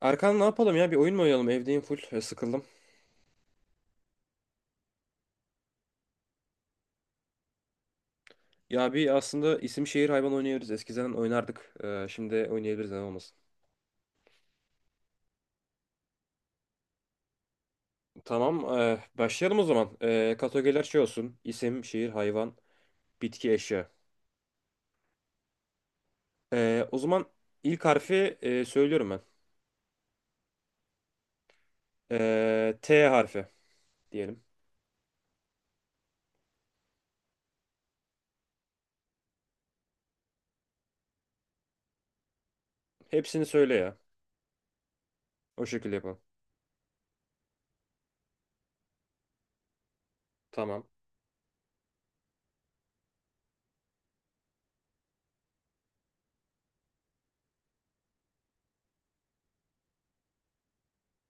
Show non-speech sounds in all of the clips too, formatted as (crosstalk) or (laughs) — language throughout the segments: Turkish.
Erkan, ne yapalım ya? Bir oyun mu oynayalım? Evdeyim full. Sıkıldım. Bir aslında isim şehir hayvan oynayabiliriz. Eskiden oynardık. Şimdi oynayabiliriz, neden olmasın. Tamam. Başlayalım o zaman. Kategoriler şey olsun: İsim, şehir, hayvan, bitki, eşya. O zaman ilk harfi söylüyorum ben. T harfi diyelim. Hepsini söyle ya. O şekilde yapalım. Tamam.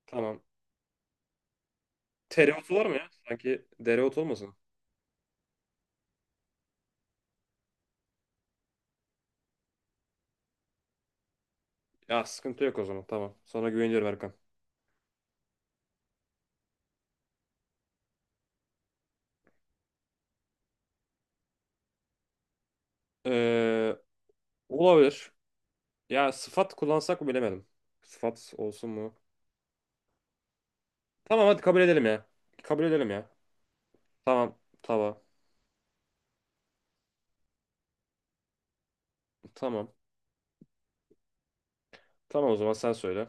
Tamam. Tereotu var mı ya? Sanki dereotu olmasın? Ya sıkıntı yok o zaman. Tamam. Sana güveniyorum Erkan. E, Olabilir. Ya sıfat kullansak mı bilemedim. Sıfat olsun mu? Tamam, hadi kabul edelim ya. Kabul edelim ya. Tamam. Tava. Tamam. Tamam, o zaman sen söyle.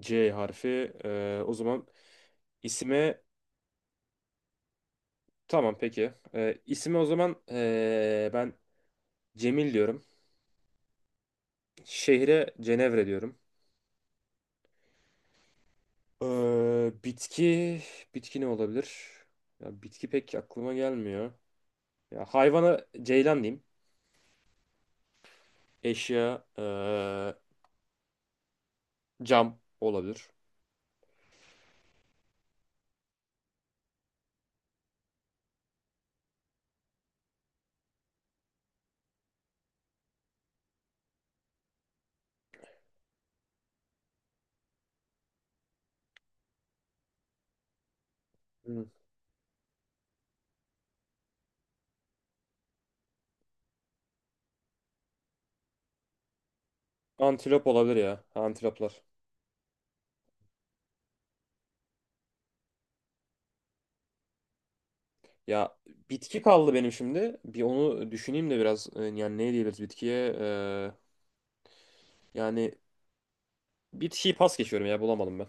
C harfi. O zaman isime... Tamam, peki. İsime o zaman ben Cemil diyorum. Şehre Cenevre diyorum. E, bitki... Bitki ne olabilir? Ya bitki pek aklıma gelmiyor. Ya, hayvana ceylan diyeyim. Eşya cam olabilir. Hı. Antilop olabilir ya. Antiloplar. Ya bitki kaldı benim şimdi. Bir onu düşüneyim de biraz. Yani ne diyebiliriz bitkiye? Yani bitkiyi pas geçiyorum ya, bulamadım ben.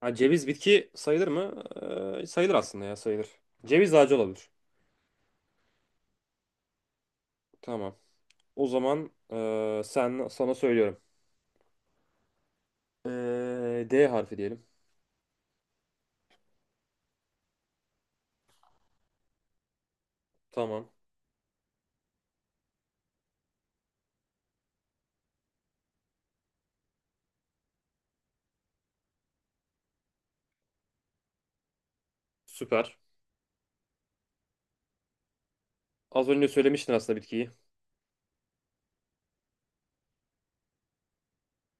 Ha, ceviz bitki sayılır mı? Sayılır aslında ya, sayılır. Ceviz ağacı olabilir. Tamam. O zaman sen, sana söylüyorum. D harfi diyelim. Tamam. Süper. Az önce söylemiştin aslında bitkiyi.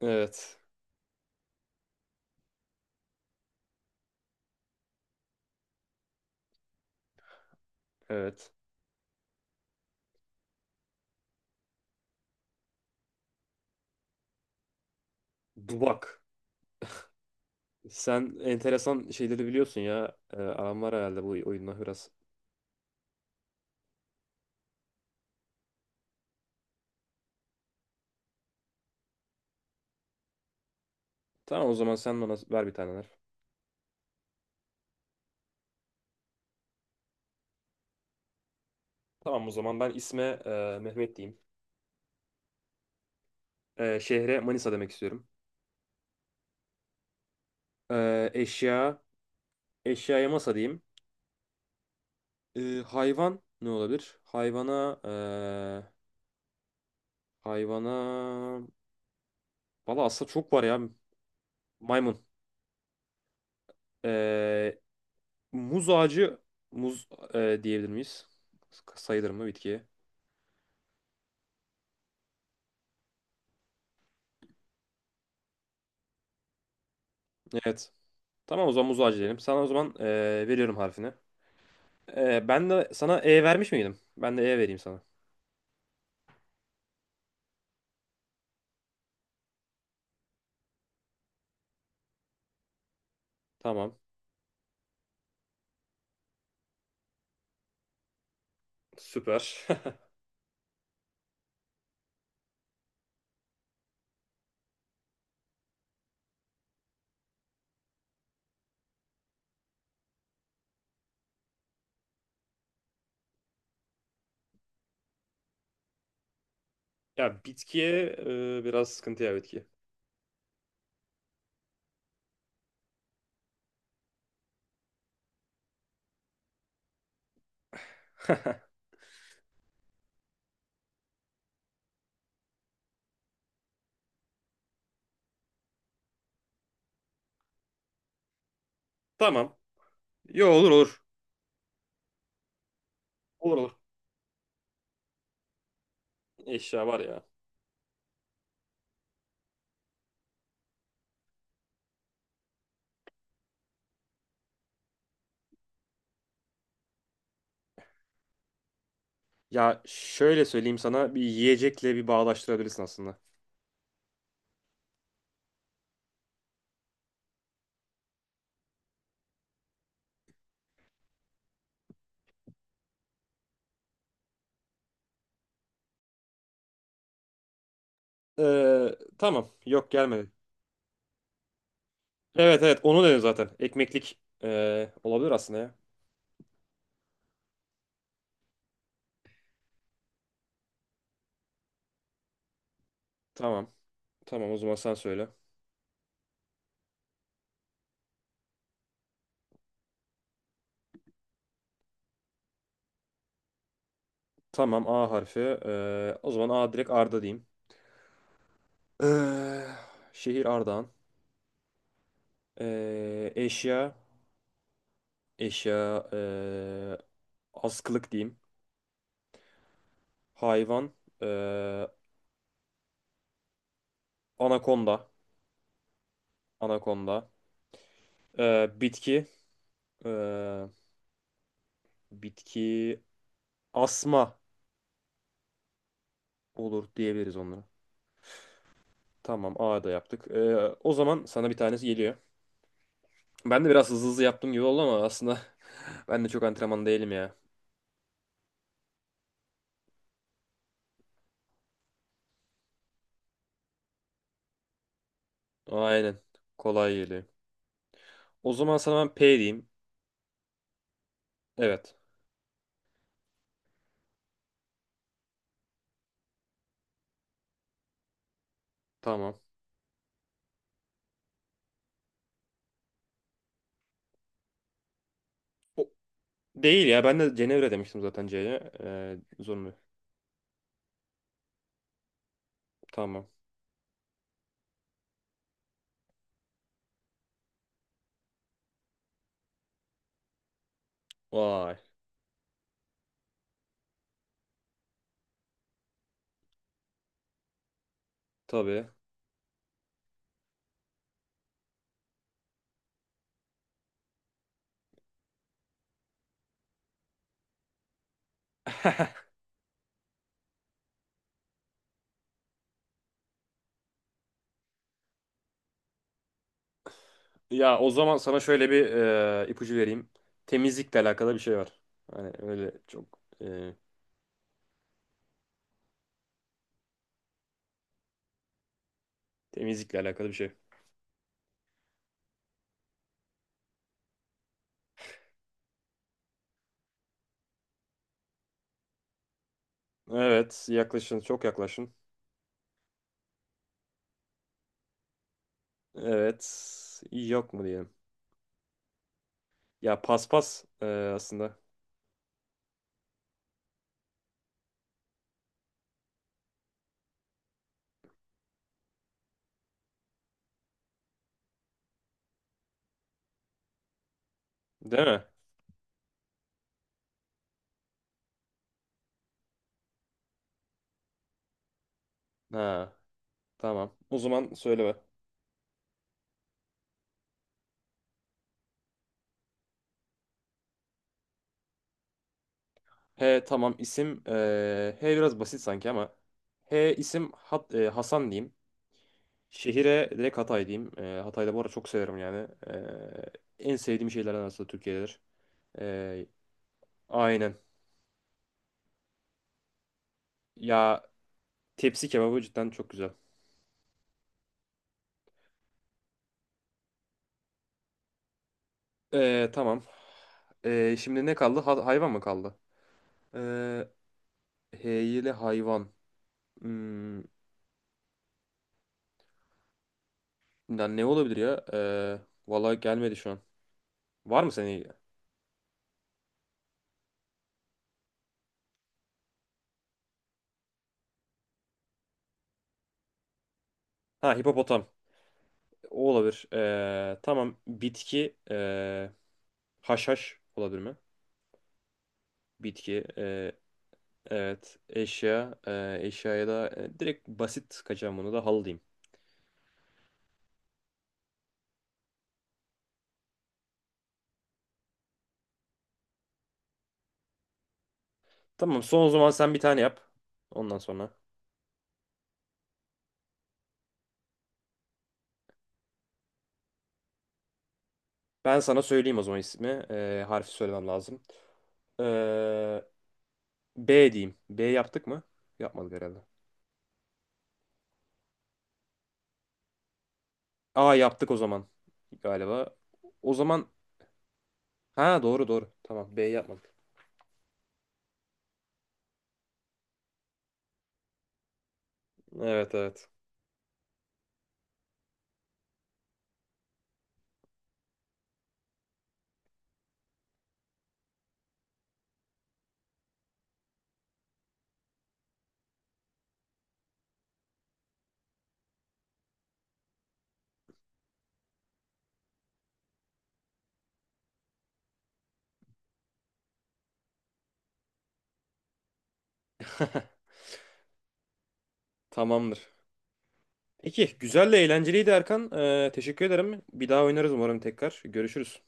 Evet. Evet. Dubak. Sen enteresan şeyleri biliyorsun ya. Aram var herhalde bu oyunla biraz. Tamam, o zaman sen bana ver bir taneler. Tamam, o zaman ben isme Mehmet diyeyim. Şehre Manisa demek istiyorum. Eşya, eşyaya masa diyeyim. E, Hayvan ne olabilir? Hayvana, hayvana... Valla aslında çok var ya. Maymun. E, Muz ağacı, muz diyebilir miyiz? Sayılır mı bitkiye? Evet. Tamam, o zaman muz ağacı diyelim. Sana o zaman veriyorum harfini. Ben de sana E vermiş miydim? Ben de E vereyim sana. Tamam. Süper. (laughs) Ya, bitkiye biraz sıkıntı ya, bitki. (laughs) Tamam. Yo, olur olur. Olur olur. Eşya var ya. Ya şöyle söyleyeyim sana, bir yiyecekle bir bağdaştırabilirsin aslında. Tamam. Yok, gelmedi. Evet evet, onu dedim zaten. Ekmeklik olabilir aslında ya. Tamam. Tamam, o zaman sen söyle. Tamam, A harfi. O zaman A direkt Arda diyeyim. Ee, Şehir Ardahan. Eşya, eşya, ee, askılık diyeyim. Hayvan, ee, anakonda, anakonda. Bitki, ee, bitki, asma olur diyebiliriz onlara. Tamam, A da yaptık. O zaman sana bir tanesi geliyor. Ben de biraz hızlı hızlı yaptığım gibi oldu ama aslında (laughs) ben de çok antrenman değilim ya. Aynen, kolay geliyor. O zaman sana ben P diyeyim. Evet, tamam. O- Değil ya, ben de Cenevre demiştim zaten C'ye. Zorunlu. Tamam. Vay. Tabii. Ya o zaman sana şöyle bir ipucu vereyim. Temizlikle alakalı bir şey var. Hani öyle çok temizlikle alakalı bir şey. Evet, yaklaşın, çok yaklaşın. Evet, yok mu diyelim. Ya paspas aslında. Değil mi? Ha, tamam. O zaman söyle be. He, tamam, isim H biraz basit sanki ama H isim Hasan diyeyim. Şehire direkt Hatay diyeyim. Hatay'da bu arada çok severim yani. En sevdiğim şeylerden aslında Türkiye'dedir. Ee, aynen. Ya tepsi kebabı cidden çok güzel. Tamam. Şimdi ne kaldı? Hayvan mı kaldı? Ee, Heyeli hayvan. Hmm, ya ne olabilir ya? Vallahi gelmedi şu an. Var mı senin? Ha, hipopotam. O olabilir. Tamam. Bitki. Haşhaş olabilir mi? Bitki. Evet. Eşya. Eşyaya da direkt basit kaçacağım, bunu da halı diyeyim. Tamam son, o zaman sen bir tane yap. Ondan sonra. Ben sana söyleyeyim o zaman ismi. Harfi söylemem lazım. E, B diyeyim. B yaptık mı? Yapmadık herhalde. A yaptık o zaman galiba. O zaman, ha, doğru doğru. Tamam, B yapmadık. Evet evet. Tamamdır. Peki güzel de eğlenceliydi Erkan. Teşekkür ederim. Bir daha oynarız umarım tekrar. Görüşürüz.